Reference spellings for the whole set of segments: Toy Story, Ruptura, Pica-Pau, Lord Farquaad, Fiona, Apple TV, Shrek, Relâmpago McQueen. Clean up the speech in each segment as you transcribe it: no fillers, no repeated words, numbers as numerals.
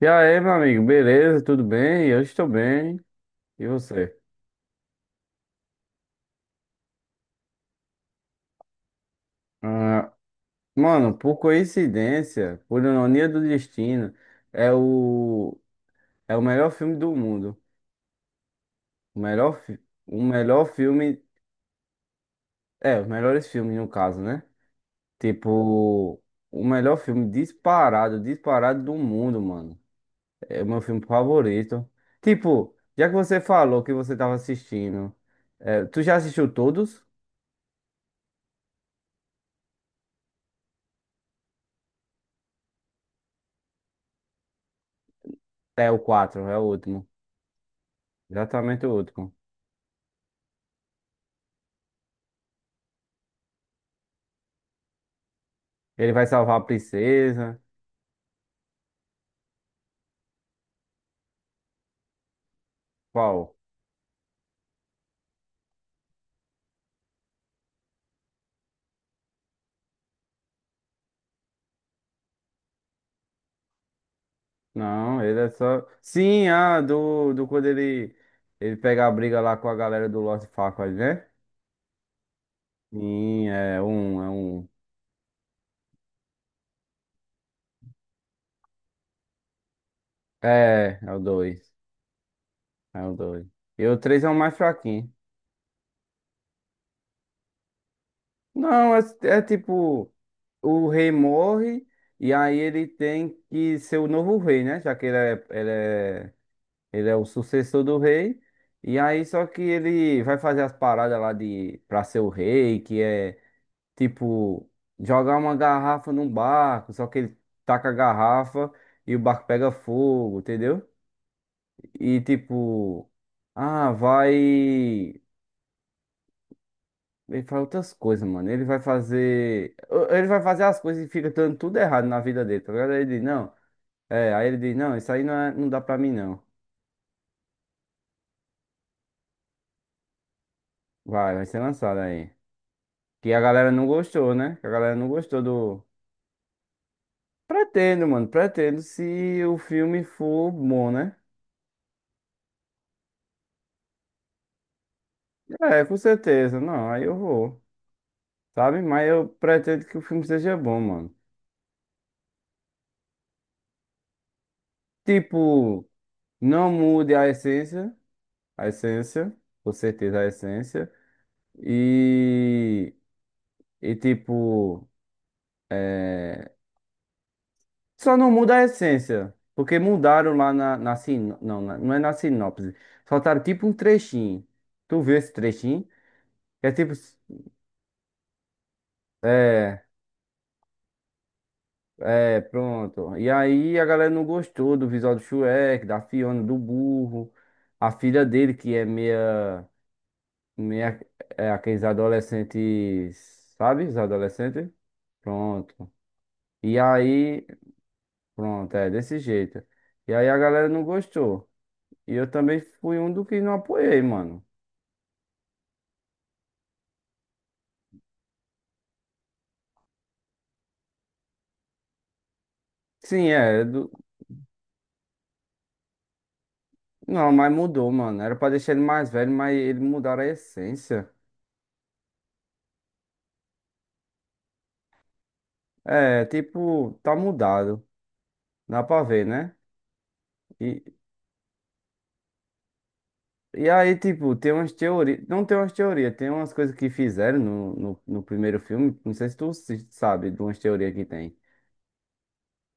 E aí, meu amigo, beleza? Tudo bem? Eu estou bem. E você? Ah, mano, por coincidência, por ironia do destino, é o, é o melhor filme do mundo. O melhor, o melhor filme. É, os melhores filmes, no caso, né? Tipo, o melhor filme disparado, disparado do mundo, mano. É o meu filme favorito. Tipo, já que você falou que você tava assistindo, tu já assistiu todos? É o 4, é o último. Exatamente o último. Ele vai salvar a princesa. Qual? Não, ele é só. Sim, ah, do quando ele pega a briga lá com a galera do Lost Faquad, né? Sim, é um. É, é o dois. É o dois. E o três é o mais fraquinho. Não, é, é tipo. O rei morre e aí ele tem que ser o novo rei, né? Já que ele é o sucessor do rei. E aí só que ele vai fazer as paradas lá de para ser o rei, que é. Tipo, jogar uma garrafa num barco, só que ele taca a garrafa e o barco pega fogo, entendeu? E tipo, ah, vai. Ele faz outras coisas, mano. Ele vai fazer. Ele vai fazer as coisas e fica dando tudo errado na vida dele, tá ligado? Aí ele diz, não. É, aí ele diz, não, isso aí não, não dá pra mim, não. Vai, vai ser lançado aí. Que a galera não gostou, né? Que a galera não gostou do. Pretendo, mano, pretendo se o filme for bom, né? É, com certeza. Não, aí eu vou, sabe? Mas eu pretendo que o filme seja bom, mano. Tipo, não mude a essência, com certeza a essência. E, e tipo, só não muda a essência, porque mudaram lá na sin... não, não é na sinopse. Soltaram tipo um trechinho. Tu viu esse trechinho? É tipo, é. É, pronto. E aí a galera não gostou do visual do Shrek, da Fiona, do burro. A filha dele, que é meia, meia, é aqueles adolescentes, sabe? Os adolescentes? Pronto. E aí, pronto, é desse jeito. E aí a galera não gostou. E eu também fui um do que não apoiei, mano. Sim, é do-. Não, mas mudou, mano. Era pra deixar ele mais velho, mas ele mudaram a essência. É, tipo, tá mudado. Dá pra ver, né? E aí, tipo, tem umas teorias. Não tem umas teorias, tem umas coisas que fizeram no primeiro filme. Não sei se tu sabe de umas teorias que tem.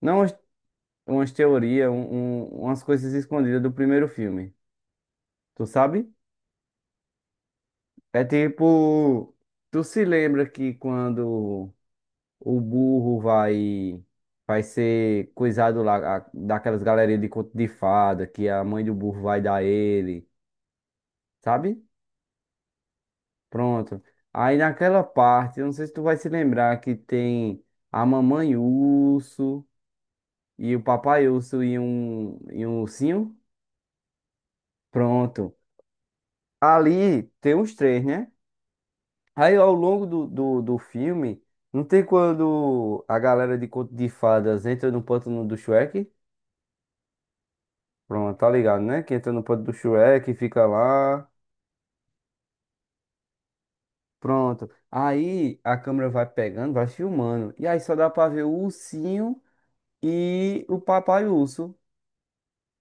Não umas, umas teorias, um, umas coisas escondidas do primeiro filme. Tu sabe? É tipo. Tu se lembra que quando o burro vai. Vai ser coisado lá, daquelas galerias de conto de fada, que a mãe do burro vai dar ele, sabe? Pronto. Aí naquela parte, eu não sei se tu vai se lembrar que tem a mamãe urso e o papai urso e um ursinho. Pronto. Ali tem os três, né? Aí ao longo do filme, não tem quando a galera de Conto de Fadas entra no pântano do Shrek? Pronto, tá ligado, né? Que entra no pântano do Shrek, e fica lá. Pronto. Aí a câmera vai pegando, vai filmando. E aí só dá pra ver o ursinho e o papai urso.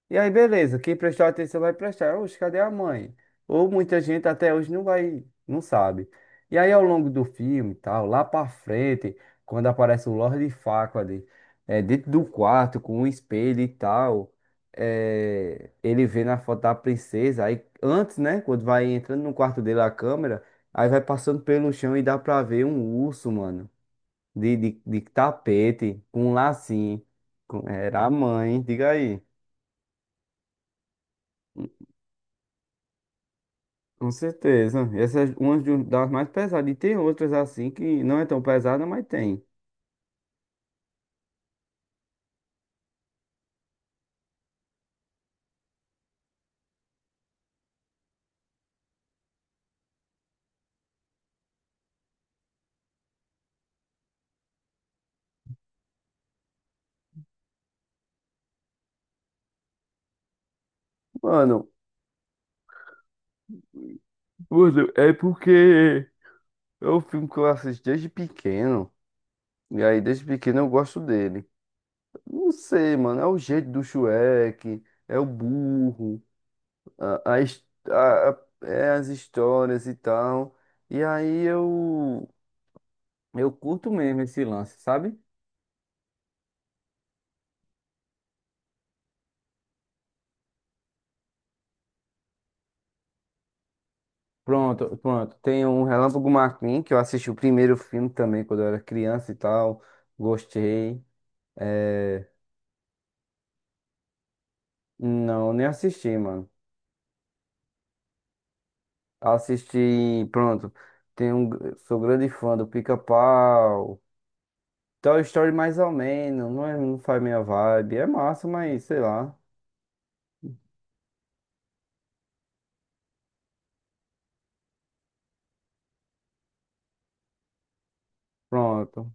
E aí, beleza, quem prestou atenção vai prestar. Oxe, cadê a mãe? Ou muita gente até hoje não vai, não sabe. E aí, ao longo do filme e tal, lá pra frente, quando aparece o Lord Farquaad, é, dentro do quarto, com um espelho e tal, é, ele vê na foto da princesa, aí antes, né, quando vai entrando no quarto dele a câmera, aí vai passando pelo chão e dá pra ver um urso, mano, de tapete, com um lacinho. Era a mãe, diga aí. Com certeza. Essa é uma das mais pesadas. E tem outras assim que não é tão pesada, mas tem. Mano, Mano, é porque é um filme que eu assisto desde pequeno. E aí, desde pequeno, eu gosto dele. Não sei, mano. É o jeito do Shrek, é o burro, a é as histórias e tal. E aí eu. Eu curto mesmo esse lance, sabe? Pronto, pronto. Tem um Relâmpago McQueen, que eu assisti o primeiro filme também quando eu era criança e tal. Gostei. É... Não, nem assisti, mano. Assisti, pronto. Tem um... Sou grande fã do Pica-Pau. Toy Story mais ou menos. Não, é... não faz minha vibe. É massa, mas sei lá. Pronto.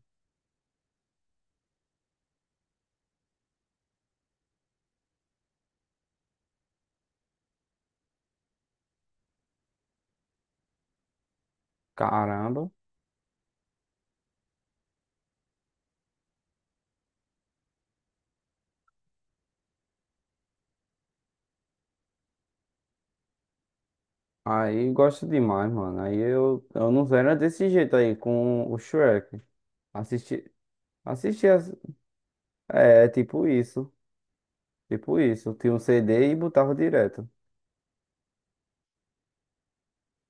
Caramba. Aí gosto demais, mano. Aí eu não era desse jeito aí com o Shrek. Assisti, assisti, é tipo isso. Tipo isso, eu tinha um CD e botava direto.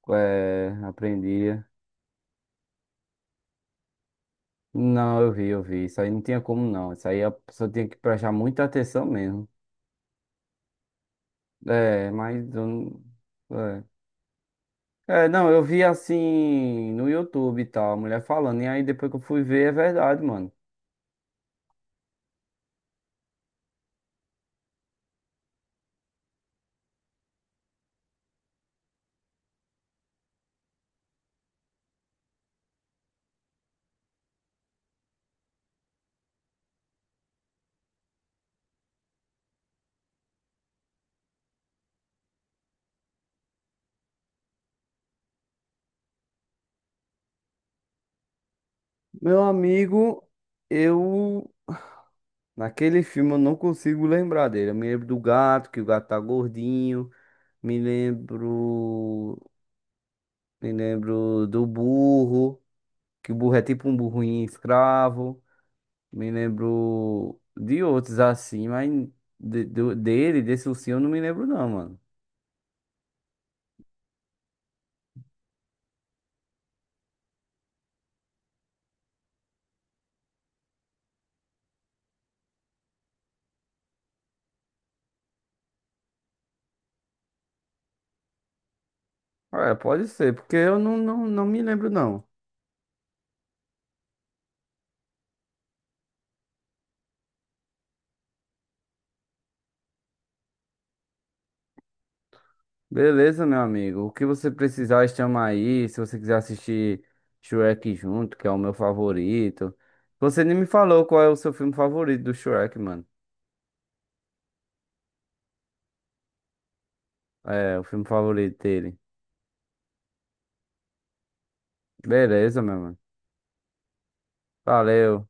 É, aprendia. Não, eu vi, eu vi. Isso aí não tinha como não. Isso aí a pessoa tinha que prestar muita atenção mesmo. É, mas eu não. É. É, não, eu vi assim no YouTube e tal, a mulher falando. E aí depois que eu fui ver, é verdade, mano. Meu amigo, eu naquele filme eu não consigo lembrar dele. Eu me lembro do gato, que o gato tá gordinho, me lembro, me lembro do burro. Que o burro é tipo um burrinho escravo. Me lembro de outros assim, mas dele, desse ursinho, eu não me lembro não, mano. É, pode ser, porque eu não me lembro não. Beleza, meu amigo. O que você precisar, chama aí. Se você quiser assistir Shrek junto, que é o meu favorito. Você nem me falou qual é o seu filme favorito do Shrek, mano. É, o filme favorito dele. Beleza, meu mano. Valeu.